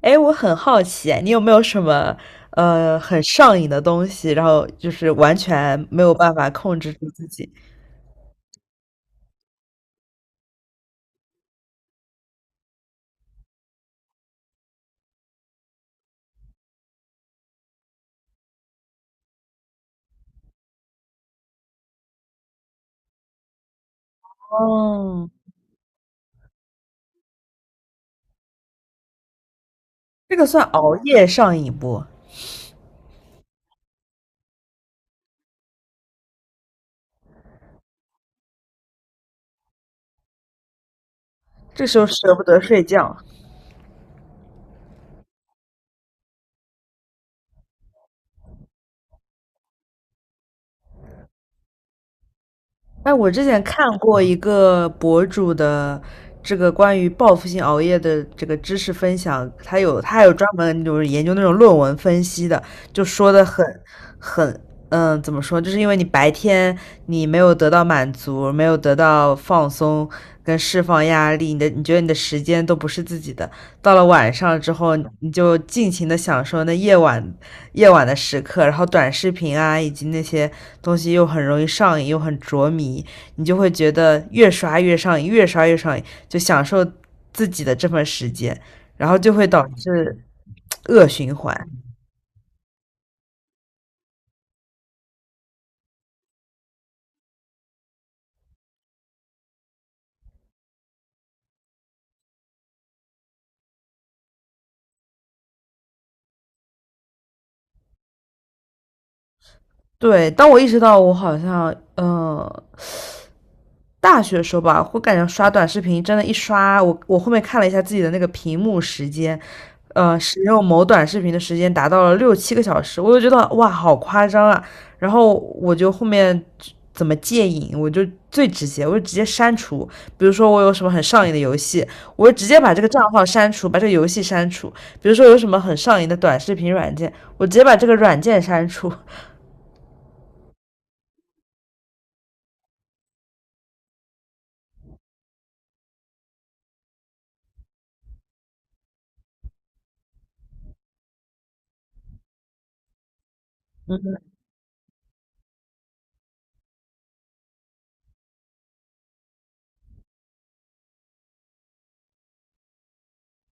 哎，我很好奇，你有没有什么很上瘾的东西，然后就是完全没有办法控制住自己？哦，这个算熬夜上瘾不？这时候舍不得睡觉。哎，我之前看过一个博主的这个关于报复性熬夜的这个知识分享，他还有专门就是研究那种论文分析的，就说的很很嗯，怎么说？就是因为你白天没有得到满足，没有得到放松跟释放压力，你觉得你的时间都不是自己的，到了晚上之后，你就尽情的享受那夜晚的时刻，然后短视频啊，以及那些东西又很容易上瘾，又很着迷，你就会觉得越刷越上瘾，越刷越上瘾，就享受自己的这份时间，然后就会导致恶循环。对，当我意识到我好像，大学的时候吧，我感觉刷短视频真的，一刷我后面看了一下自己的那个屏幕时间，使用某短视频的时间达到了六七个小时，我就觉得哇，好夸张啊！然后我就后面怎么戒瘾，我就最直接，我就直接删除。比如说我有什么很上瘾的游戏，我就直接把这个账号删除，把这个游戏删除。比如说有什么很上瘾的短视频软件，我直接把这个软件删除。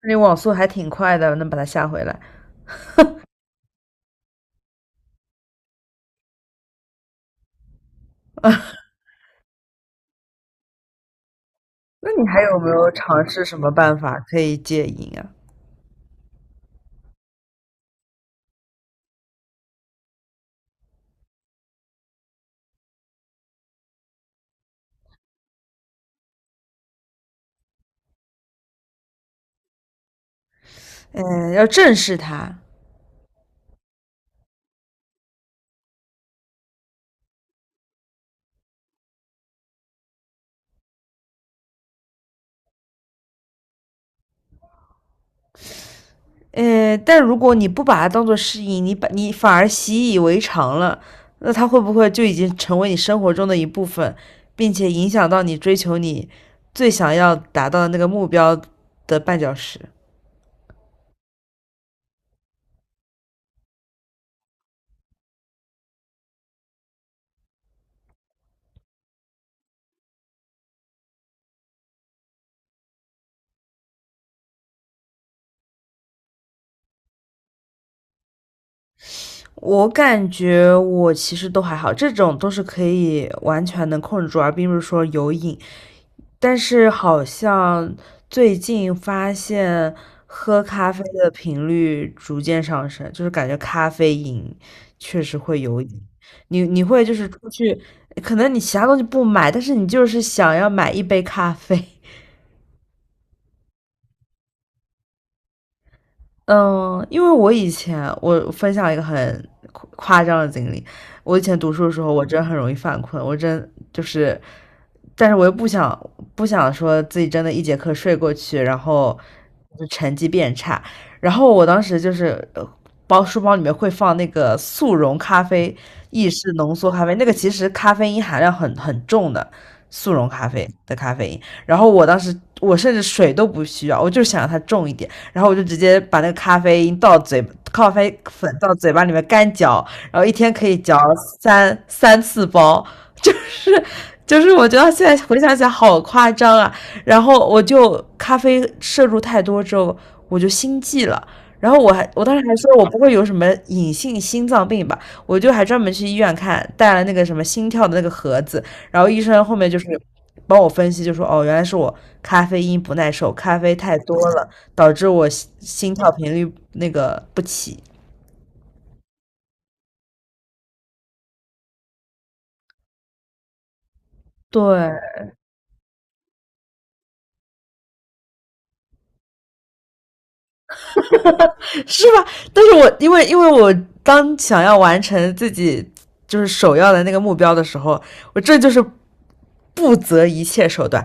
那网速还挺快的，能把它下回来。那你还有没有尝试什么办法可以戒瘾啊？嗯，要正视它。但如果你不把它当做适应，你把你反而习以为常了，那它会不会就已经成为你生活中的一部分，并且影响到你追求你最想要达到的那个目标的绊脚石？我感觉我其实都还好，这种都是可以完全能控制住，而并不是说有瘾。但是好像最近发现喝咖啡的频率逐渐上升，就是感觉咖啡瘾确实会有瘾。你会就是出去，可能你其他东西不买，但是你就是想要买一杯咖啡。嗯，因为我以前我分享一个很夸张的经历，我以前读书的时候，我真的很容易犯困，我真就是，但是我又不想说自己真的一节课睡过去，然后就成绩变差，然后我当时就是包书包里面会放那个速溶咖啡，意式浓缩咖啡，那个其实咖啡因含量很重的速溶咖啡的咖啡因，然后我当时我甚至水都不需要，我就想让它重一点。然后我就直接把那个咖啡因倒嘴，咖啡粉到嘴巴里面干嚼，然后一天可以嚼三次包，就是就是我觉得现在回想起来好夸张啊。然后我就咖啡摄入太多之后，我就心悸了。然后我当时还说我不会有什么隐性心脏病吧，我就还专门去医院看，带了那个什么心跳的那个盒子，然后医生后面就是帮我分析，就说哦，原来是我咖啡因不耐受，咖啡太多了，导致我心跳频率那个不齐。对，是吧？但是我因为我当想要完成自己就是首要的那个目标的时候，我这就是不择一切手段。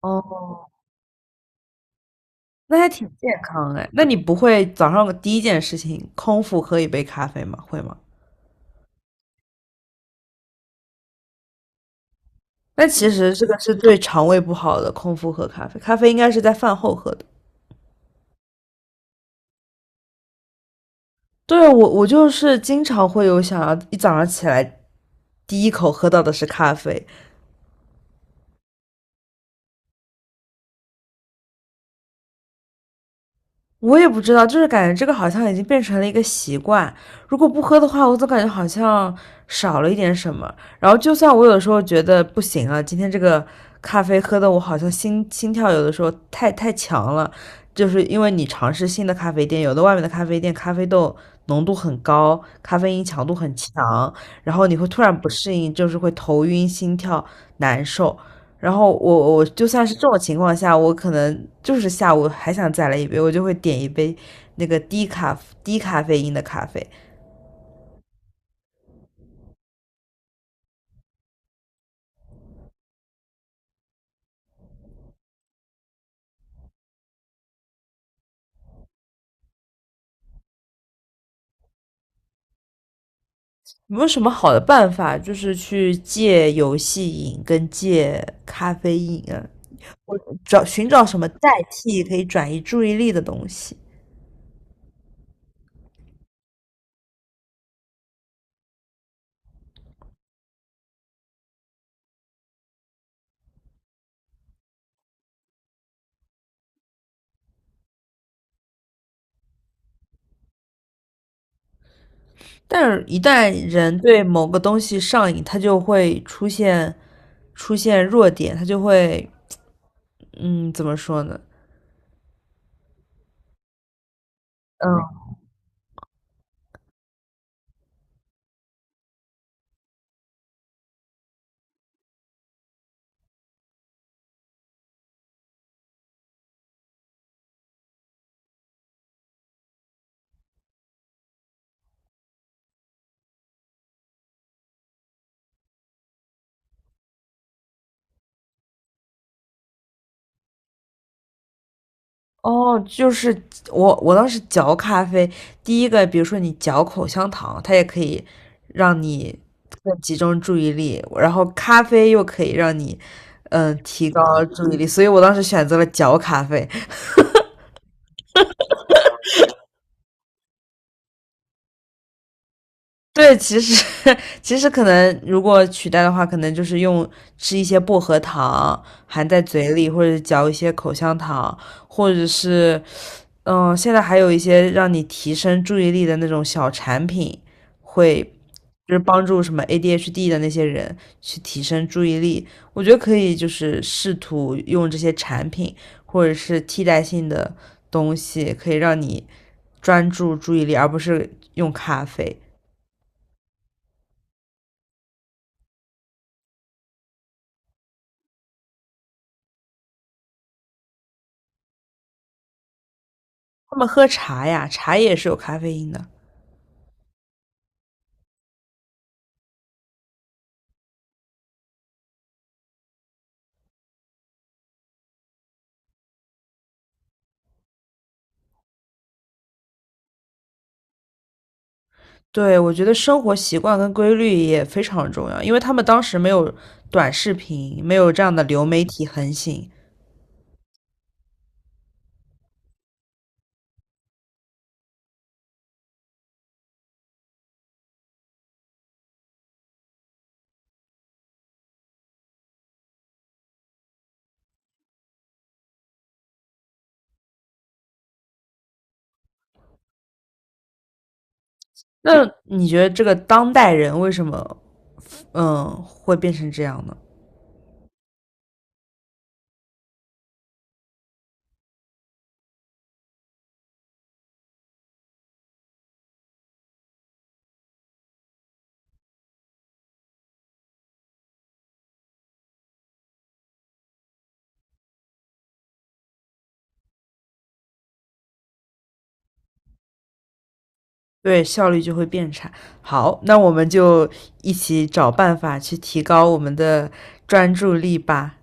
哦，那还挺健康哎。那你不会早上第一件事情空腹喝一杯咖啡吗？会吗？那其实这个是对肠胃不好的，空腹喝咖啡，咖啡应该是在饭后喝的。对，我就是经常会有想要一早上起来第一口喝到的是咖啡，我也不知道，就是感觉这个好像已经变成了一个习惯。如果不喝的话，我总感觉好像少了一点什么。然后，就算我有的时候觉得不行了，今天这个咖啡喝的我好像心跳有的时候太强了，就是因为你尝试新的咖啡店，有的外面的咖啡店咖啡豆浓度很高，咖啡因强度很强，然后你会突然不适应，就是会头晕、心跳难受。然后我就算是这种情况下，我可能就是下午还想再来一杯，我就会点一杯那个低咖啡因的咖啡。有没有什么好的办法，就是去戒游戏瘾跟戒咖啡因啊？我找寻找什么代替可以转移注意力的东西。但是，一旦人对某个东西上瘾，他就会出现弱点，他就会，嗯，怎么说呢？嗯，哦，就是我当时嚼咖啡，第一个比如说你嚼口香糖，它也可以让你更集中注意力，然后咖啡又可以让你嗯提高注意力，所以我当时选择了嚼咖啡。对，其实 其实可能如果取代的话，可能就是用吃一些薄荷糖含在嘴里，或者嚼一些口香糖，或者是嗯，现在还有一些让你提升注意力的那种小产品，会就是帮助什么 ADHD 的那些人去提升注意力。我觉得可以，就是试图用这些产品或者是替代性的东西，可以让你专注注意力，而不是用咖啡。他们喝茶呀，茶也是有咖啡因的。对，我觉得生活习惯跟规律也非常重要，因为他们当时没有短视频，没有这样的流媒体横行，那你觉得这个当代人为什么嗯会变成这样呢？对，效率就会变差。好，那我们就一起找办法去提高我们的专注力吧。